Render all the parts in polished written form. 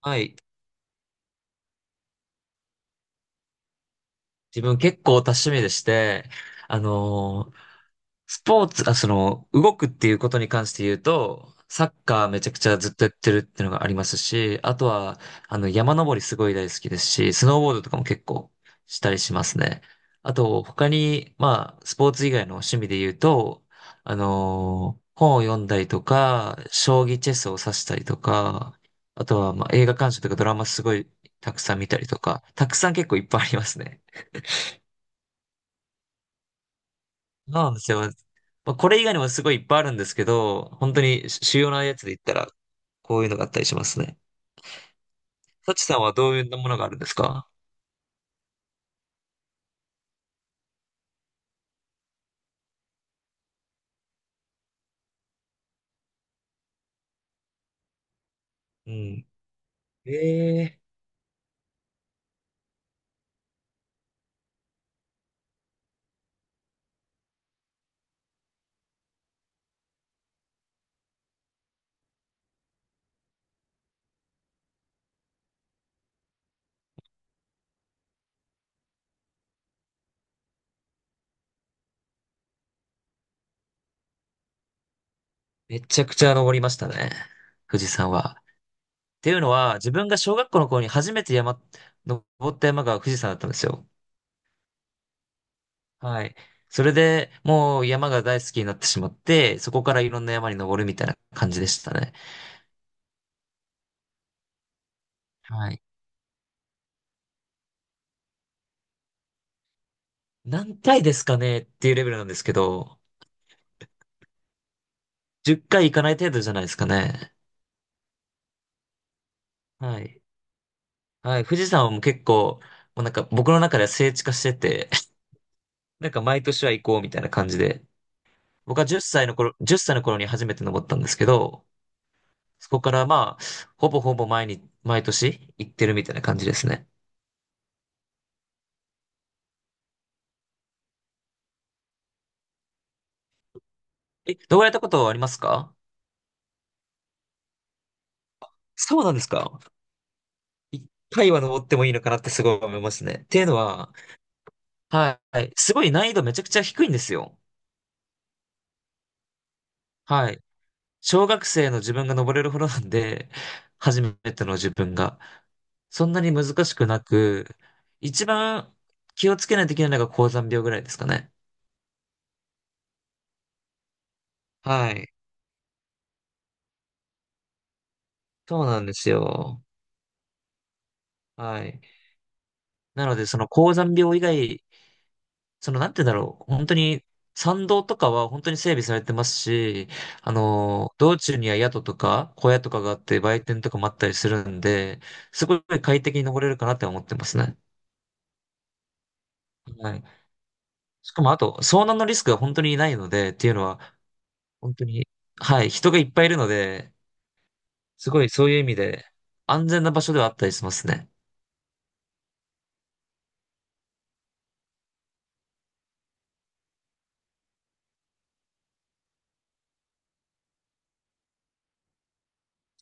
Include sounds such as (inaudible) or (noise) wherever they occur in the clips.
はい。自分結構多趣味でして、あのースポーツ、あ、動くっていうことに関して言うと、サッカーめちゃくちゃずっとやってるっていうのがありますし、あとは、山登りすごい大好きですし、スノーボードとかも結構したりしますね。あと、他に、まあ、スポーツ以外の趣味で言うと、本を読んだりとか、将棋チェスを指したりとか、あとは、まあ、映画鑑賞とかドラマすごいたくさん見たりとか、たくさん結構いっぱいありますね。そうなんですよ。まあ、これ以外にもすごいいっぱいあるんですけど、本当に主要なやつで言ったら、こういうのがあったりしますね。サチさんはどういうものがあるんですか？うん。ええ、めちゃくちゃ登りましたね。富士山は。っていうのは、自分が小学校の頃に初めて山、登った山が富士山だったんですよ。はい。それでもう山が大好きになってしまって、そこからいろんな山に登るみたいな感じでしたね。はい。何回ですかねっていうレベルなんですけど、10回行かない程度じゃないですかね。はい。はい。富士山はもう結構、もうなんか僕の中では聖地化してて、(laughs) なんか毎年は行こうみたいな感じで。僕は10歳の頃、1歳の頃に初めて登ったんですけど、そこからまあ、ほぼほぼ毎日、毎年行ってるみたいな感じですね。え、登られたことはありますか？そうなんですか？一回は登ってもいいのかなってすごい思いますね。っていうのは、はい。すごい難易度めちゃくちゃ低いんですよ。はい。小学生の自分が登れるほどなんで、初めての自分が。そんなに難しくなく、一番気をつけないといけないのが高山病ぐらいですかね。はい。そうなんですよ。はい。なので、その高山病以外、なんて言うんだろう。本当に、山道とかは本当に整備されてますし、道中には宿とか小屋とかがあって、売店とかもあったりするんで、すごい快適に登れるかなって思ってますね。はい、しかもあと、遭難のリスクが本当にないので、っていうのは、本当に、はい、人がいっぱいいるので、すごいそういう意味で、安全な場所ではあったりしますね。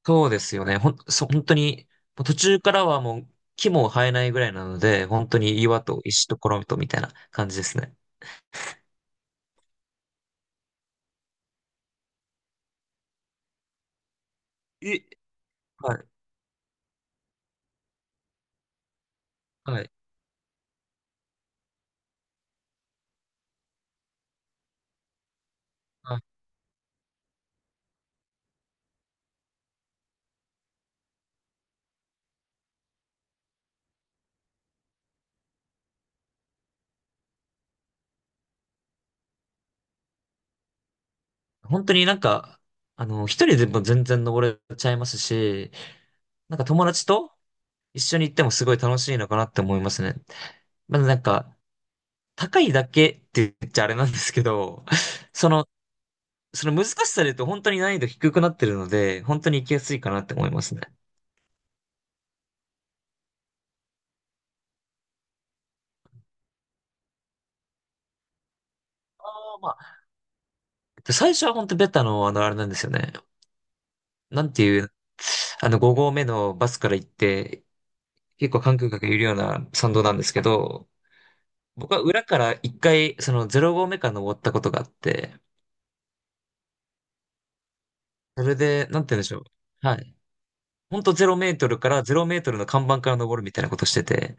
そうですよね。ほん、そ、本当に、もう途中からはもう木も生えないぐらいなので、本当に岩と石とコロンとみたいな感じですね。え、はい、はい、はい。本当になんか、一人でも全然登れちゃいますし、なんか友達と一緒に行ってもすごい楽しいのかなって思いますね。まだなんか、高いだけって言っちゃあれなんですけど、(laughs) その、その難しさで言うと本当に難易度低くなってるので、本当に行きやすいかなって思いますね。ああ、まあ、最初は本当ベタの、あれなんですよね。なんていう、5合目のバスから行って、結構観光客いるような参道なんですけど、僕は裏から一回、その0合目から登ったことがあって、それで、なんて言うんでしょう。はい。ほんと0メートルから0メートルの看板から登るみたいなことしてて、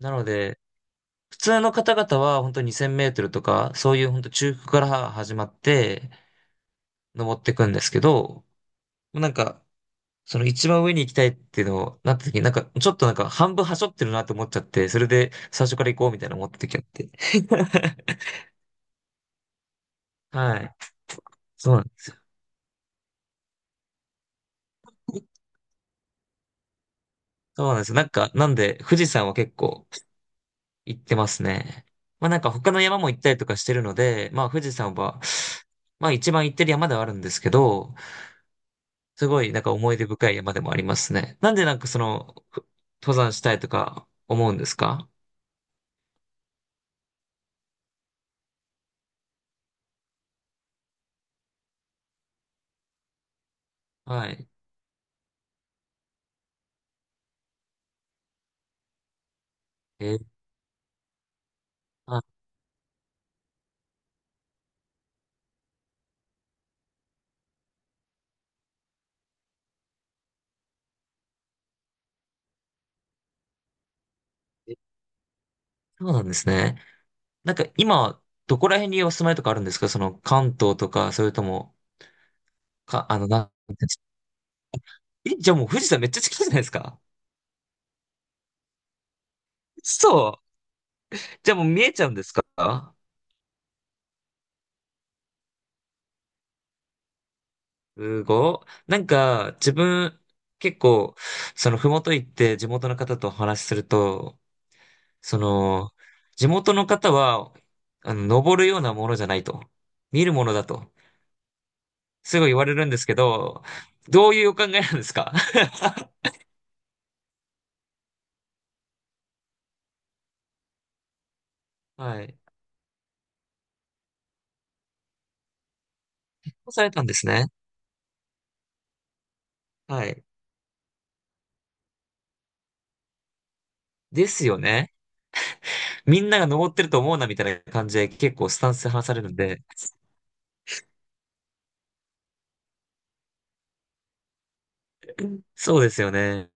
なので、普通の方々は本当2000メートルとか、そういう本当中腹から始まって登っていくんですけど、なんか、その一番上に行きたいっていうのをなった時に、なんかちょっとなんか半分端折ってるなって思っちゃって、それで最初から行こうみたいな思った時あって。(laughs) はい。そうなんです。そうなんです。なんか、なんで富士山は結構行ってますね。まあなんか他の山も行ったりとかしてるので、まあ富士山は、まあ一番行ってる山ではあるんですけど、すごい、なんか思い出深い山でもありますね。なんでなんかその、登山したいとか思うんですか？はい。えーあ、えそうなんですね。なんか今、どこら辺にお住まいとかあるんですか？その関東とか、それとも、か、あの、なんえ、じゃあもう富士山めっちゃ近いじゃないですか。そう。じゃあもう見えちゃうんですか？すごい。なんか、自分、結構、ふもと行って地元の方とお話しすると、その、地元の方は、登るようなものじゃないと。見るものだと。すごい言われるんですけど、どういうお考えなんですか？ (laughs) はい。そうされたんですね。はい。ですよね。みんなが登ってると思うなみたいな感じで結構スタンスで話されるんで。そうですよね。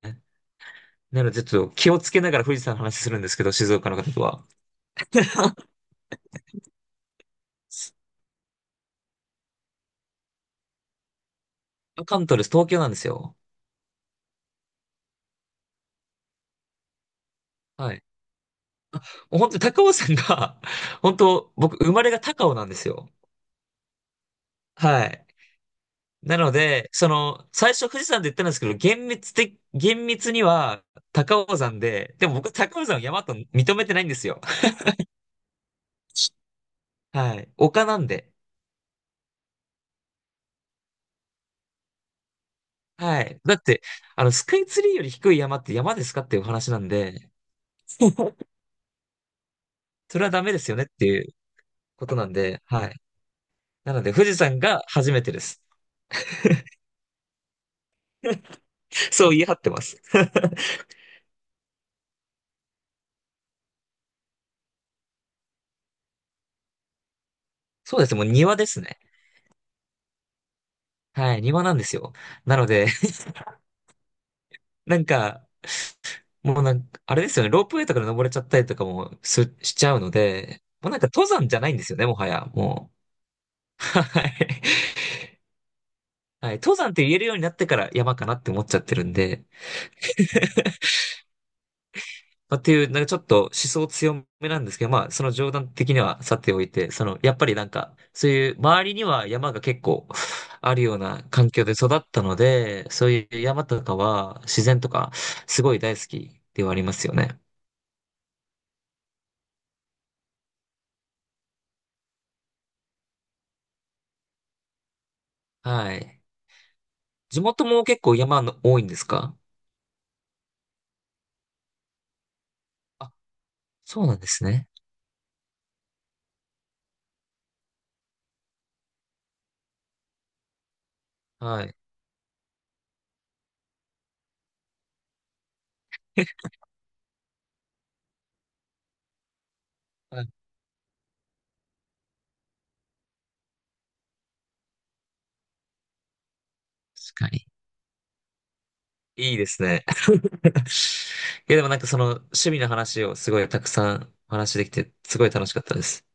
なのでちょっと気をつけながら富士山の話するんですけど、静岡の方とは。(laughs) 関東です。東京なんですよ。はい。もう本当に高尾山が、本当僕生まれが高尾なんですよ。はい。なので、最初富士山で言ったんですけど、厳密には高尾山で、でも僕高尾山を山と認めてないんですよ。(laughs) はい。丘なんで。はい。だって、スカイツリーより低い山って山ですかっていうお話なんで、(laughs) それはダメですよねっていうことなんで、はい。なので、富士山が初めてです。(laughs) そう言い張ってます。(laughs) そうです。もう庭ですね。はい。庭なんですよ。なので、(laughs) なんか、もうなんか、あれですよね、ロープウェイとかで登れちゃったりとかもしちゃうので、もうなんか登山じゃないんですよね、もはや、もう。(laughs) はい。はい、登山って言えるようになってから山かなって思っちゃってるんで、まあ、っていう、なんかちょっと思想強めなんですけど、まあ、その冗談的にはさておいて、やっぱりなんか、そういう周りには山が結構 (laughs) あるような環境で育ったので、そういう山とかは自然とかすごい大好きではありますよね。はい。地元も結構山の多いんですか？そうなんですね。はい。(laughs) はい。確かに。いいですね。(laughs) いや、でもなんかその趣味の話をすごいたくさんお話しできて、すごい楽しかったです。